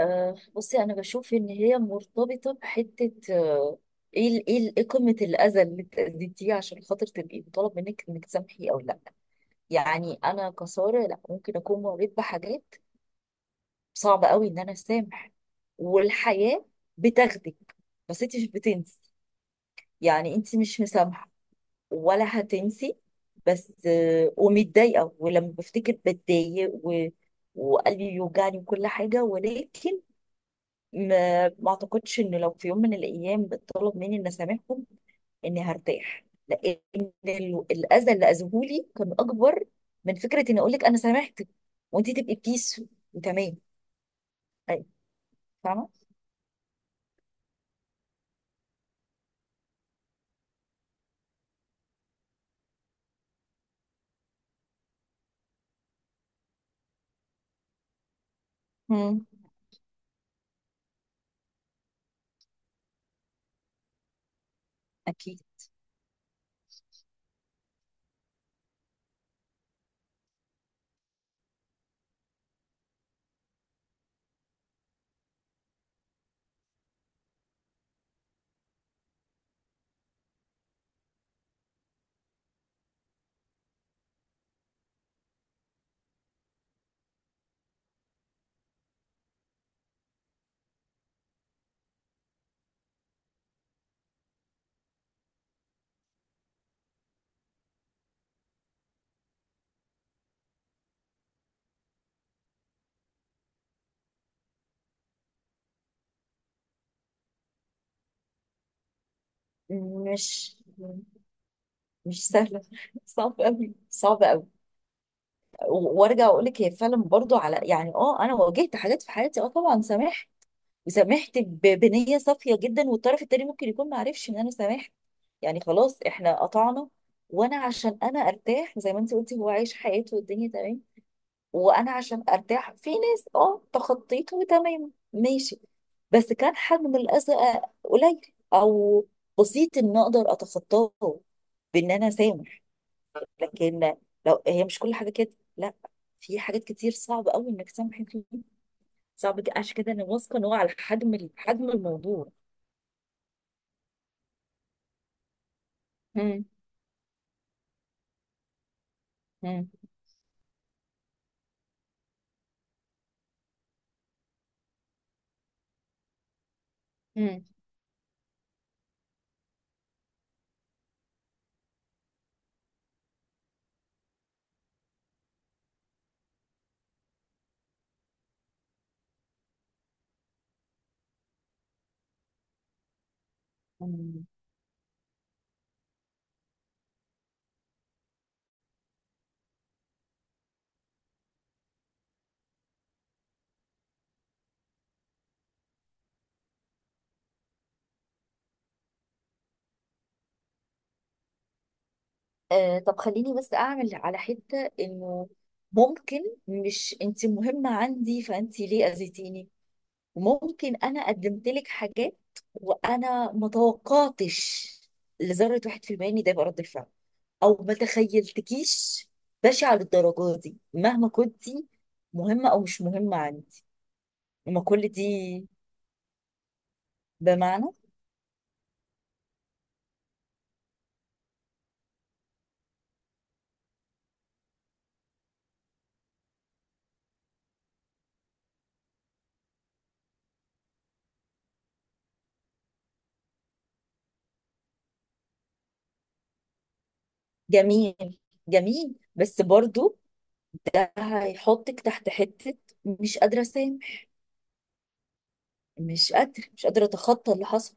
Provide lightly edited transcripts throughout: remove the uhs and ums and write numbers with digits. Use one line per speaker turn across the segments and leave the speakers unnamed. آه، بصي، انا بشوف ان هي مرتبطه بحته إيه قمه الاذى اللي انت اذيتيه عشان خاطر تبقي مطالب منك انك تسامحي او لا؟ يعني انا كساره، لا، ممكن اكون مريت بحاجات صعبه قوي ان انا اسامح، والحياه بتاخدك، بس انت مش بتنسي، يعني انت مش مسامحه ولا هتنسي، بس ومتضايقه، ولما بفتكر بتضايق، و... وقلبي بيوجعني وكل حاجه، ولكن ما اعتقدش ان لو في يوم من الايام اتطلب مني ان اسامحهم اني هرتاح، لان الاذى اللي اذوهولي كان اكبر من فكره اني اقول لك انا سامحتك وانت تبقي بيس وتمام. أي، فاهمه. مم. أكيد. مش مش سهله، صعب قوي صعب قوي. وارجع اقول لك، هي فعلا برضو على، يعني، انا واجهت حاجات في حياتي، طبعا سامحت، وسامحت بنية صافية جدا، والطرف التاني ممكن يكون ما عرفش ان انا سامحت، يعني خلاص احنا قطعنا. وانا عشان انا ارتاح، زي ما انت قلتي، هو عايش حياته والدنيا تمام، وانا عشان ارتاح، في ناس تخطيته وتمام، ماشي، بس كان حجم الاذى قليل او بسيط ان اقدر اتخطاه بان انا سامح. لكن لو هي مش كل حاجه كده، لا، في حاجات كتير صعب قوي انك تسامحي فيها. صعب عشان كده انا واثقه ان هو على حجم حجم الموضوع. مم. مم. مم. مم. آه، طب خليني بس اعمل على حته انه ممكن، مش انت مهمه عندي فانت ليه اذيتيني، ممكن انا قدمت لك حاجات وانا ما توقعتش لذره 1% ان ده يبقى رد الفعل، او ما تخيلتكيش بشعه للدرجه دي، مهما كنتي مهمه او مش مهمه عندي، ما كل دي بمعنى جميل، جميل، بس برضو هيحطك تحت حتة مش قادرة أسامح، مش قادرة أتخطى اللي حصل.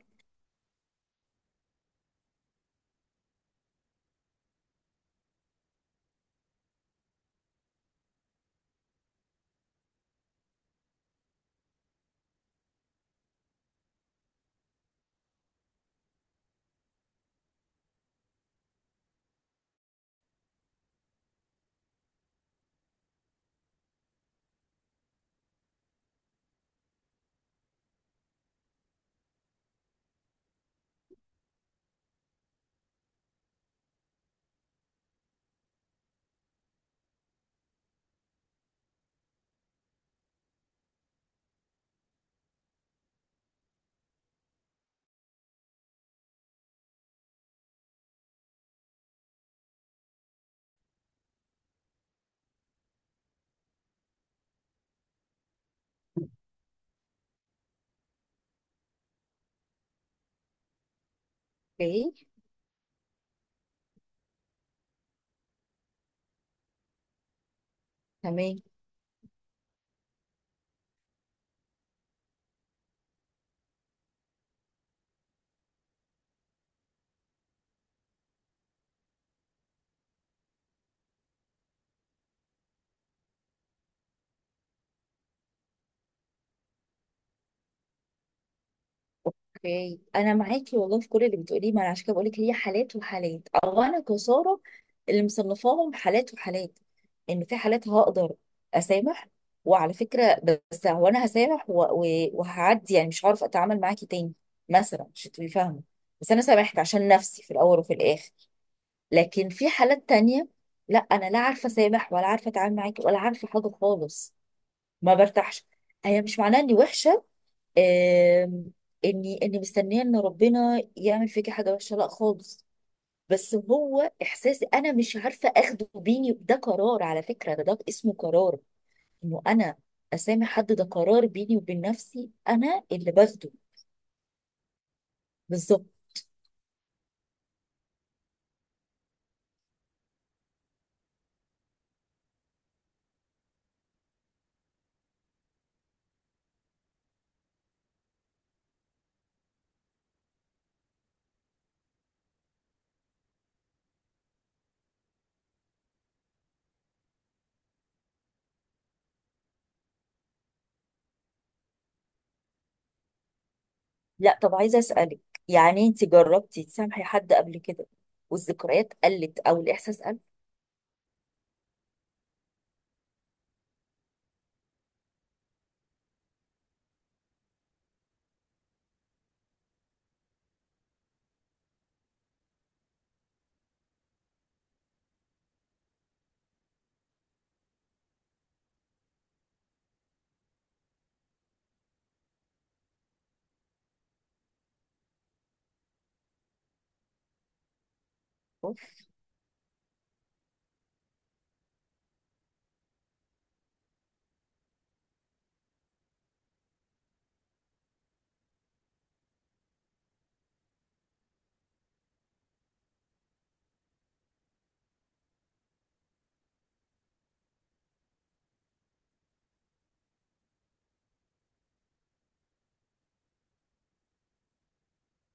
اوكي. تمام. اوكي، أنا معاكي والله في كل اللي بتقوليه، ما أنا عشان كده بقولك هي حالات وحالات، أو أنا كسارة اللي مصنفاهم حالات وحالات، إن في حالات هقدر أسامح وعلى فكرة، بس هو أنا هسامح و... و... وهعدي، يعني مش هعرف أتعامل معاكي تاني مثلا، مش هتبقي فاهمة، بس أنا سامحت عشان نفسي في الأول وفي الآخر. لكن في حالات تانية، لا، انا لا عارفه اسامح ولا عارفه اتعامل معاكي ولا عارفه حاجه خالص، ما برتاحش. هي مش معناها اني وحشه، آم، اني مستنيه ان ربنا يعمل فيكي حاجه وحشه، لا خالص، بس هو احساسي انا مش عارفه اخده. بيني ده قرار، على فكره، ده اسمه قرار انه انا اسامح حد، ده قرار بيني وبين نفسي انا اللي باخده. بالظبط. لا، طب عايزه اسالك، يعني انت جربتي تسامحي حد قبل كده والذكريات قلت او الاحساس؟ اوف.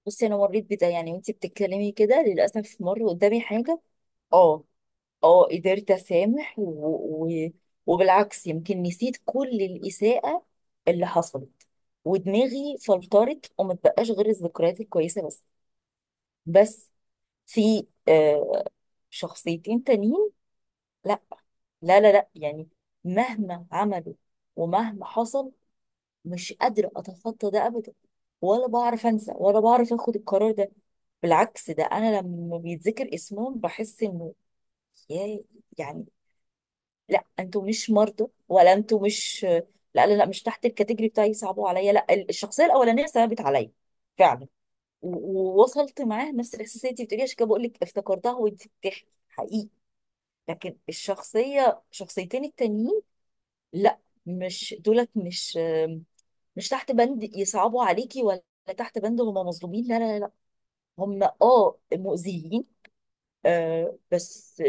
بصي، انا مريت بده، يعني وانتي بتتكلمي كده للاسف مر قدامي حاجه. اه، اه، قدرت اسامح و... و... وبالعكس، يمكن نسيت كل الاساءه اللي حصلت، ودماغي فلترت وما بقاش غير الذكريات الكويسه بس. في شخصيتين تانيين، لا، لا لا لا، يعني، مهما عملوا ومهما حصل مش قادرة أتخطى ده أبدا، ولا بعرف أنسى، ولا بعرف أخد القرار ده. بالعكس، ده أنا لما بيتذكر اسمهم بحس إنه، يا، يعني، لا، أنتوا مش مرضى، ولا أنتوا مش، لا لا لا، مش تحت الكاتيجوري بتاعي، صعبوا عليا، لا الشخصية الأولانية صعبت عليا فعلا، و- ووصلت معاه نفس الإحساس اللي أنت بتقولي، عشان كده بقول لك افتكرتها وأنت بتحكي حقيقي. لكن الشخصية، شخصيتين التانيين، لا، مش دولت، مش تحت بند يصعبوا عليكي، ولا تحت بند هم مظلومين، لا لا لا، هم مؤذيين، آه بس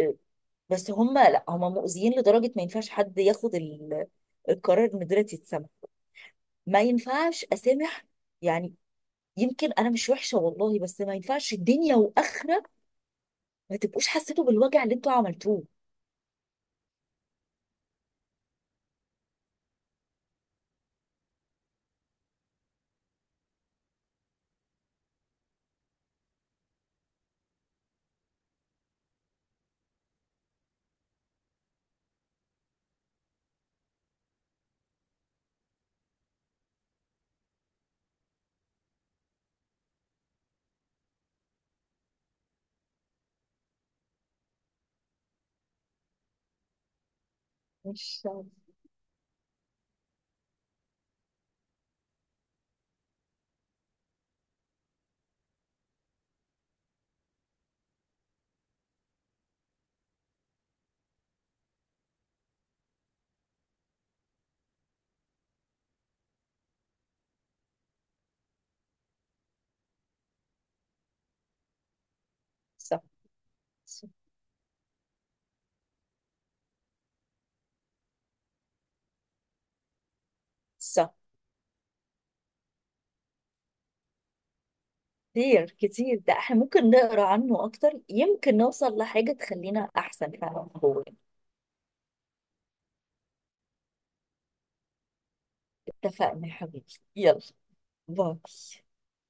بس هم، لا، هم مؤذيين لدرجة ما ينفعش حد ياخد القرار ان دلوقتي يتسمع، ما ينفعش اسامح، يعني، يمكن انا مش وحشة والله، بس ما ينفعش الدنيا واخرة ما تبقوش حسيتوا بالوجع اللي انتوا عملتوه. مش صح. صح. صح. كتير كتير، ده احنا ممكن نقرا عنه اكتر، يمكن نوصل لحاجة تخلينا احسن فعلا. اتفقنا يا حبيبي. يلا. باي.